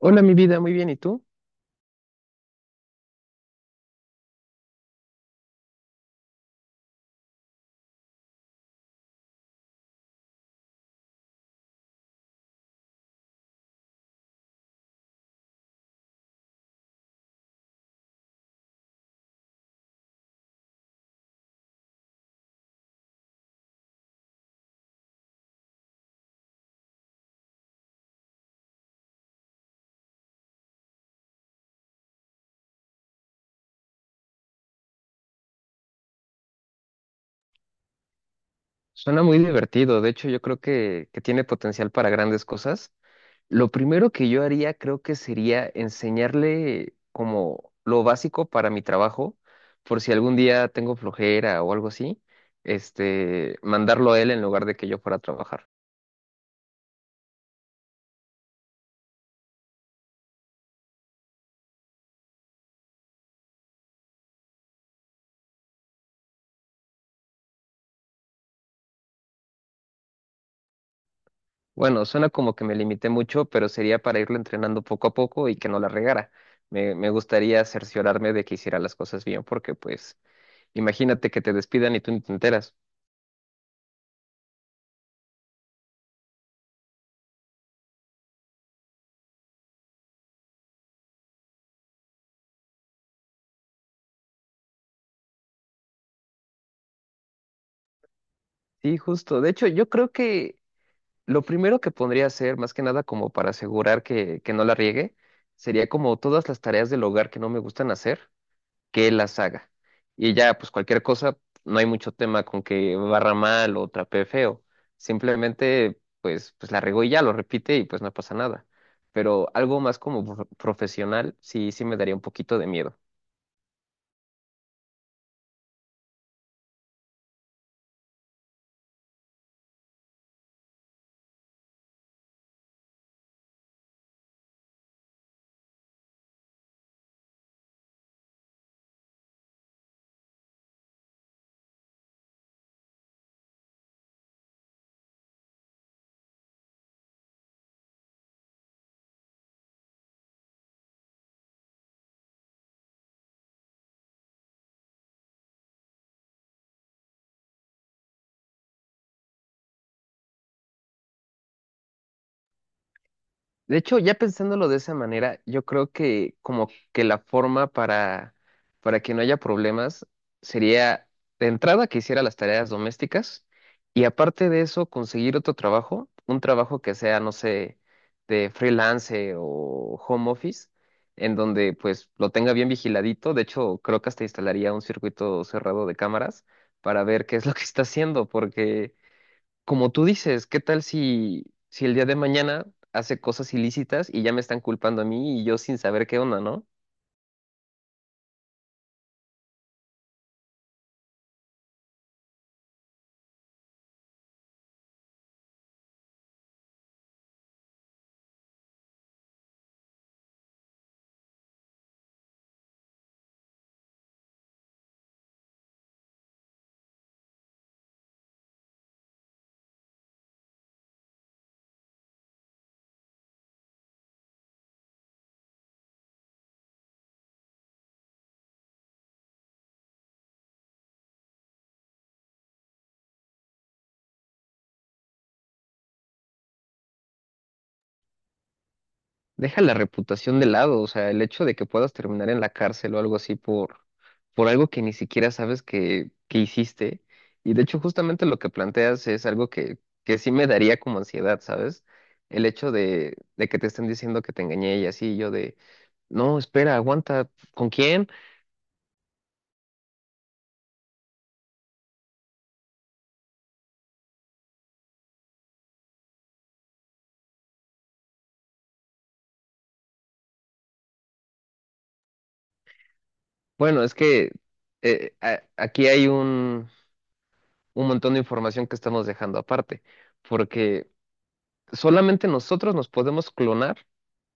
Hola, mi vida, muy bien. ¿Y tú? Suena muy divertido. De hecho, yo creo que tiene potencial para grandes cosas. Lo primero que yo haría, creo que sería enseñarle como lo básico para mi trabajo, por si algún día tengo flojera o algo así, mandarlo a él en lugar de que yo fuera a trabajar. Bueno, suena como que me limité mucho, pero sería para irlo entrenando poco a poco y que no la regara. Me gustaría cerciorarme de que hiciera las cosas bien, porque pues imagínate que te despidan y tú ni te enteras. Sí, justo. De hecho, yo creo que lo primero que podría hacer, más que nada como para asegurar que no la riegue, sería como todas las tareas del hogar que no me gustan hacer, que él las haga. Y ya, pues cualquier cosa, no hay mucho tema con que barra mal o trapee feo. Simplemente, pues la regó y ya lo repite y pues no pasa nada. Pero algo más como profesional, sí, sí me daría un poquito de miedo. De hecho, ya pensándolo de esa manera, yo creo que como que la forma para que no haya problemas sería de entrada que hiciera las tareas domésticas y aparte de eso conseguir otro trabajo, un trabajo que sea, no sé, de freelance o home office, en donde pues lo tenga bien vigiladito. De hecho, creo que hasta instalaría un circuito cerrado de cámaras para ver qué es lo que está haciendo, porque como tú dices, ¿qué tal si el día de mañana hace cosas ilícitas y ya me están culpando a mí y yo sin saber qué onda? ¿No? Deja la reputación de lado, o sea, el hecho de que puedas terminar en la cárcel o algo así por algo que ni siquiera sabes que hiciste. Y de hecho, justamente lo que planteas es algo que sí me daría como ansiedad, ¿sabes? El hecho de que te estén diciendo que te engañé y así, yo de, no, espera, aguanta, ¿con quién? Bueno, es que aquí hay un montón de información que estamos dejando aparte, porque solamente nosotros nos podemos clonar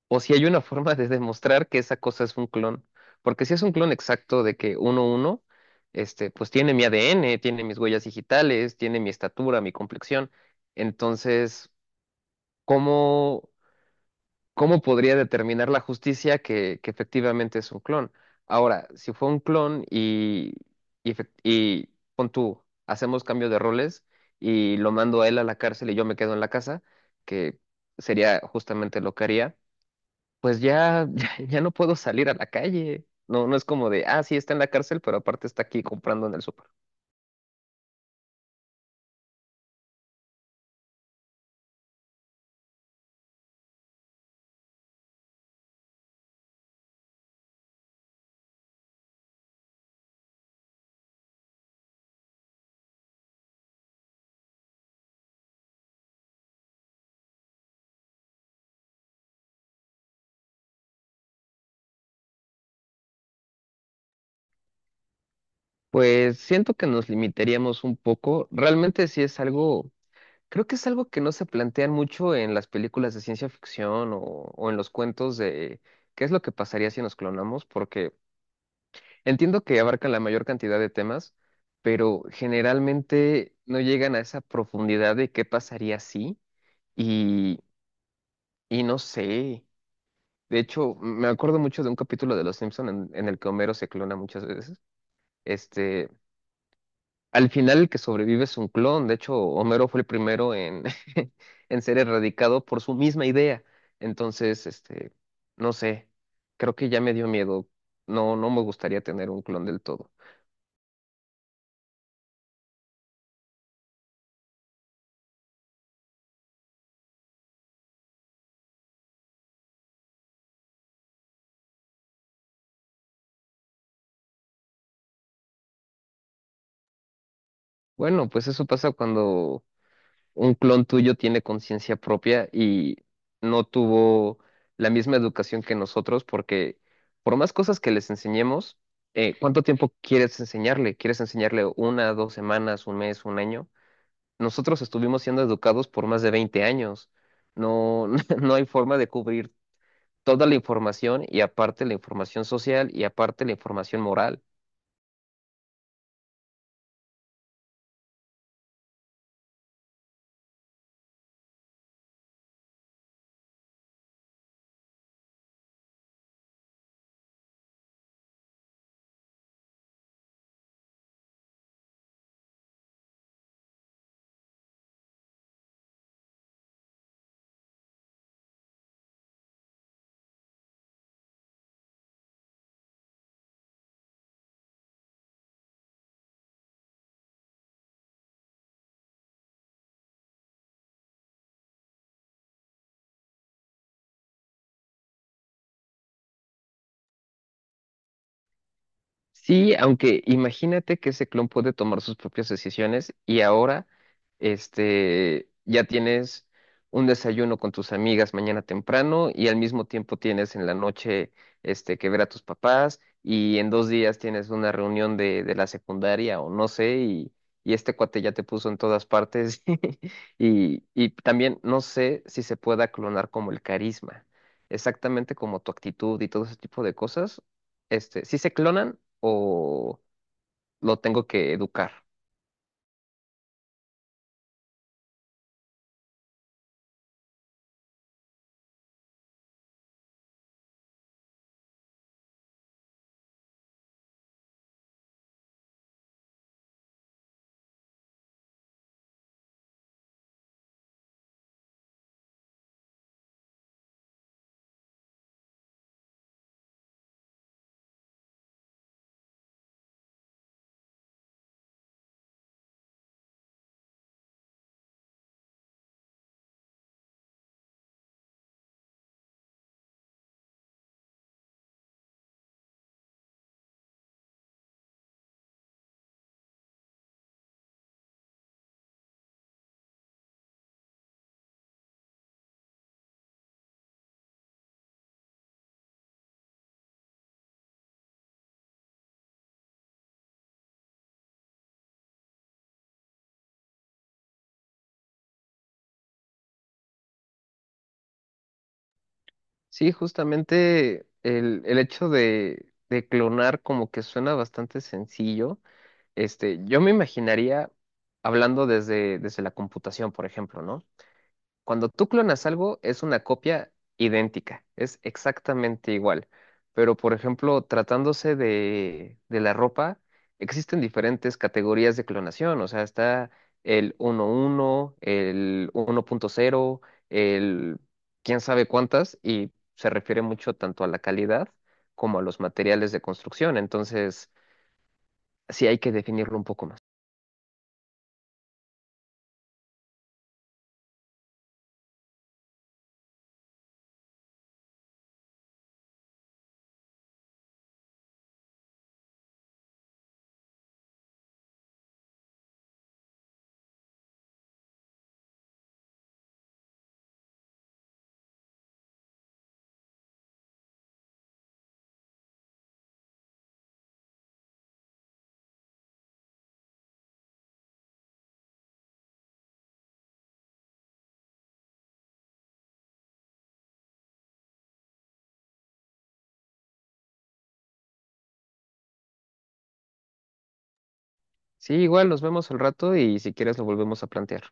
o si hay una forma de demostrar que esa cosa es un clon, porque si es un clon exacto de que uno uno, pues tiene mi ADN, tiene mis huellas digitales, tiene mi estatura, mi complexión, entonces, ¿cómo? ¿Cómo podría determinar la justicia que efectivamente es un clon? Ahora, si fue un clon y pon tú, hacemos cambio de roles y lo mando a él a la cárcel y yo me quedo en la casa, que sería justamente lo que haría, pues ya, ya, ya no puedo salir a la calle. No, no es como de, ah, sí, está en la cárcel, pero aparte está aquí comprando en el súper. Pues siento que nos limitaríamos un poco. Realmente sí es algo. Creo que es algo que no se plantean mucho en las películas de ciencia ficción o en los cuentos de qué es lo que pasaría si nos clonamos, porque entiendo que abarcan la mayor cantidad de temas, pero generalmente no llegan a esa profundidad de qué pasaría si y, y no sé. De hecho, me acuerdo mucho de un capítulo de Los Simpson en el que Homero se clona muchas veces. Este, Al final el que sobrevive es un clon. De hecho, Homero fue el primero en, en ser erradicado por su misma idea. Entonces, no sé, creo que ya me dio miedo. No, no me gustaría tener un clon del todo. Bueno, pues eso pasa cuando un clon tuyo tiene conciencia propia y no tuvo la misma educación que nosotros, porque por más cosas que les enseñemos, ¿cuánto tiempo quieres enseñarle? ¿Quieres enseñarle una, 2 semanas, un mes, un año? Nosotros estuvimos siendo educados por más de 20 años. No, no hay forma de cubrir toda la información y aparte la información social y aparte la información moral. Sí, aunque imagínate que ese clon puede tomar sus propias decisiones y ahora, ya tienes un desayuno con tus amigas mañana temprano y al mismo tiempo tienes en la noche, que ver a tus papás y en 2 días tienes una reunión de la secundaria o no sé y este cuate ya te puso en todas partes y también no sé si se pueda clonar como el carisma, exactamente como tu actitud y todo ese tipo de cosas si se clonan o ¿lo tengo que educar? Sí, justamente el hecho de clonar como que suena bastante sencillo. Yo me imaginaría hablando desde la computación, por ejemplo, ¿no? Cuando tú clonas algo, es una copia idéntica, es exactamente igual. Pero, por ejemplo, tratándose de la ropa, existen diferentes categorías de clonación. O sea, está el 1.1, el 1.0, el quién sabe cuántas, y se refiere mucho tanto a la calidad como a los materiales de construcción. Entonces, sí hay que definirlo un poco más. Sí, igual nos vemos al rato y si quieres lo volvemos a plantear.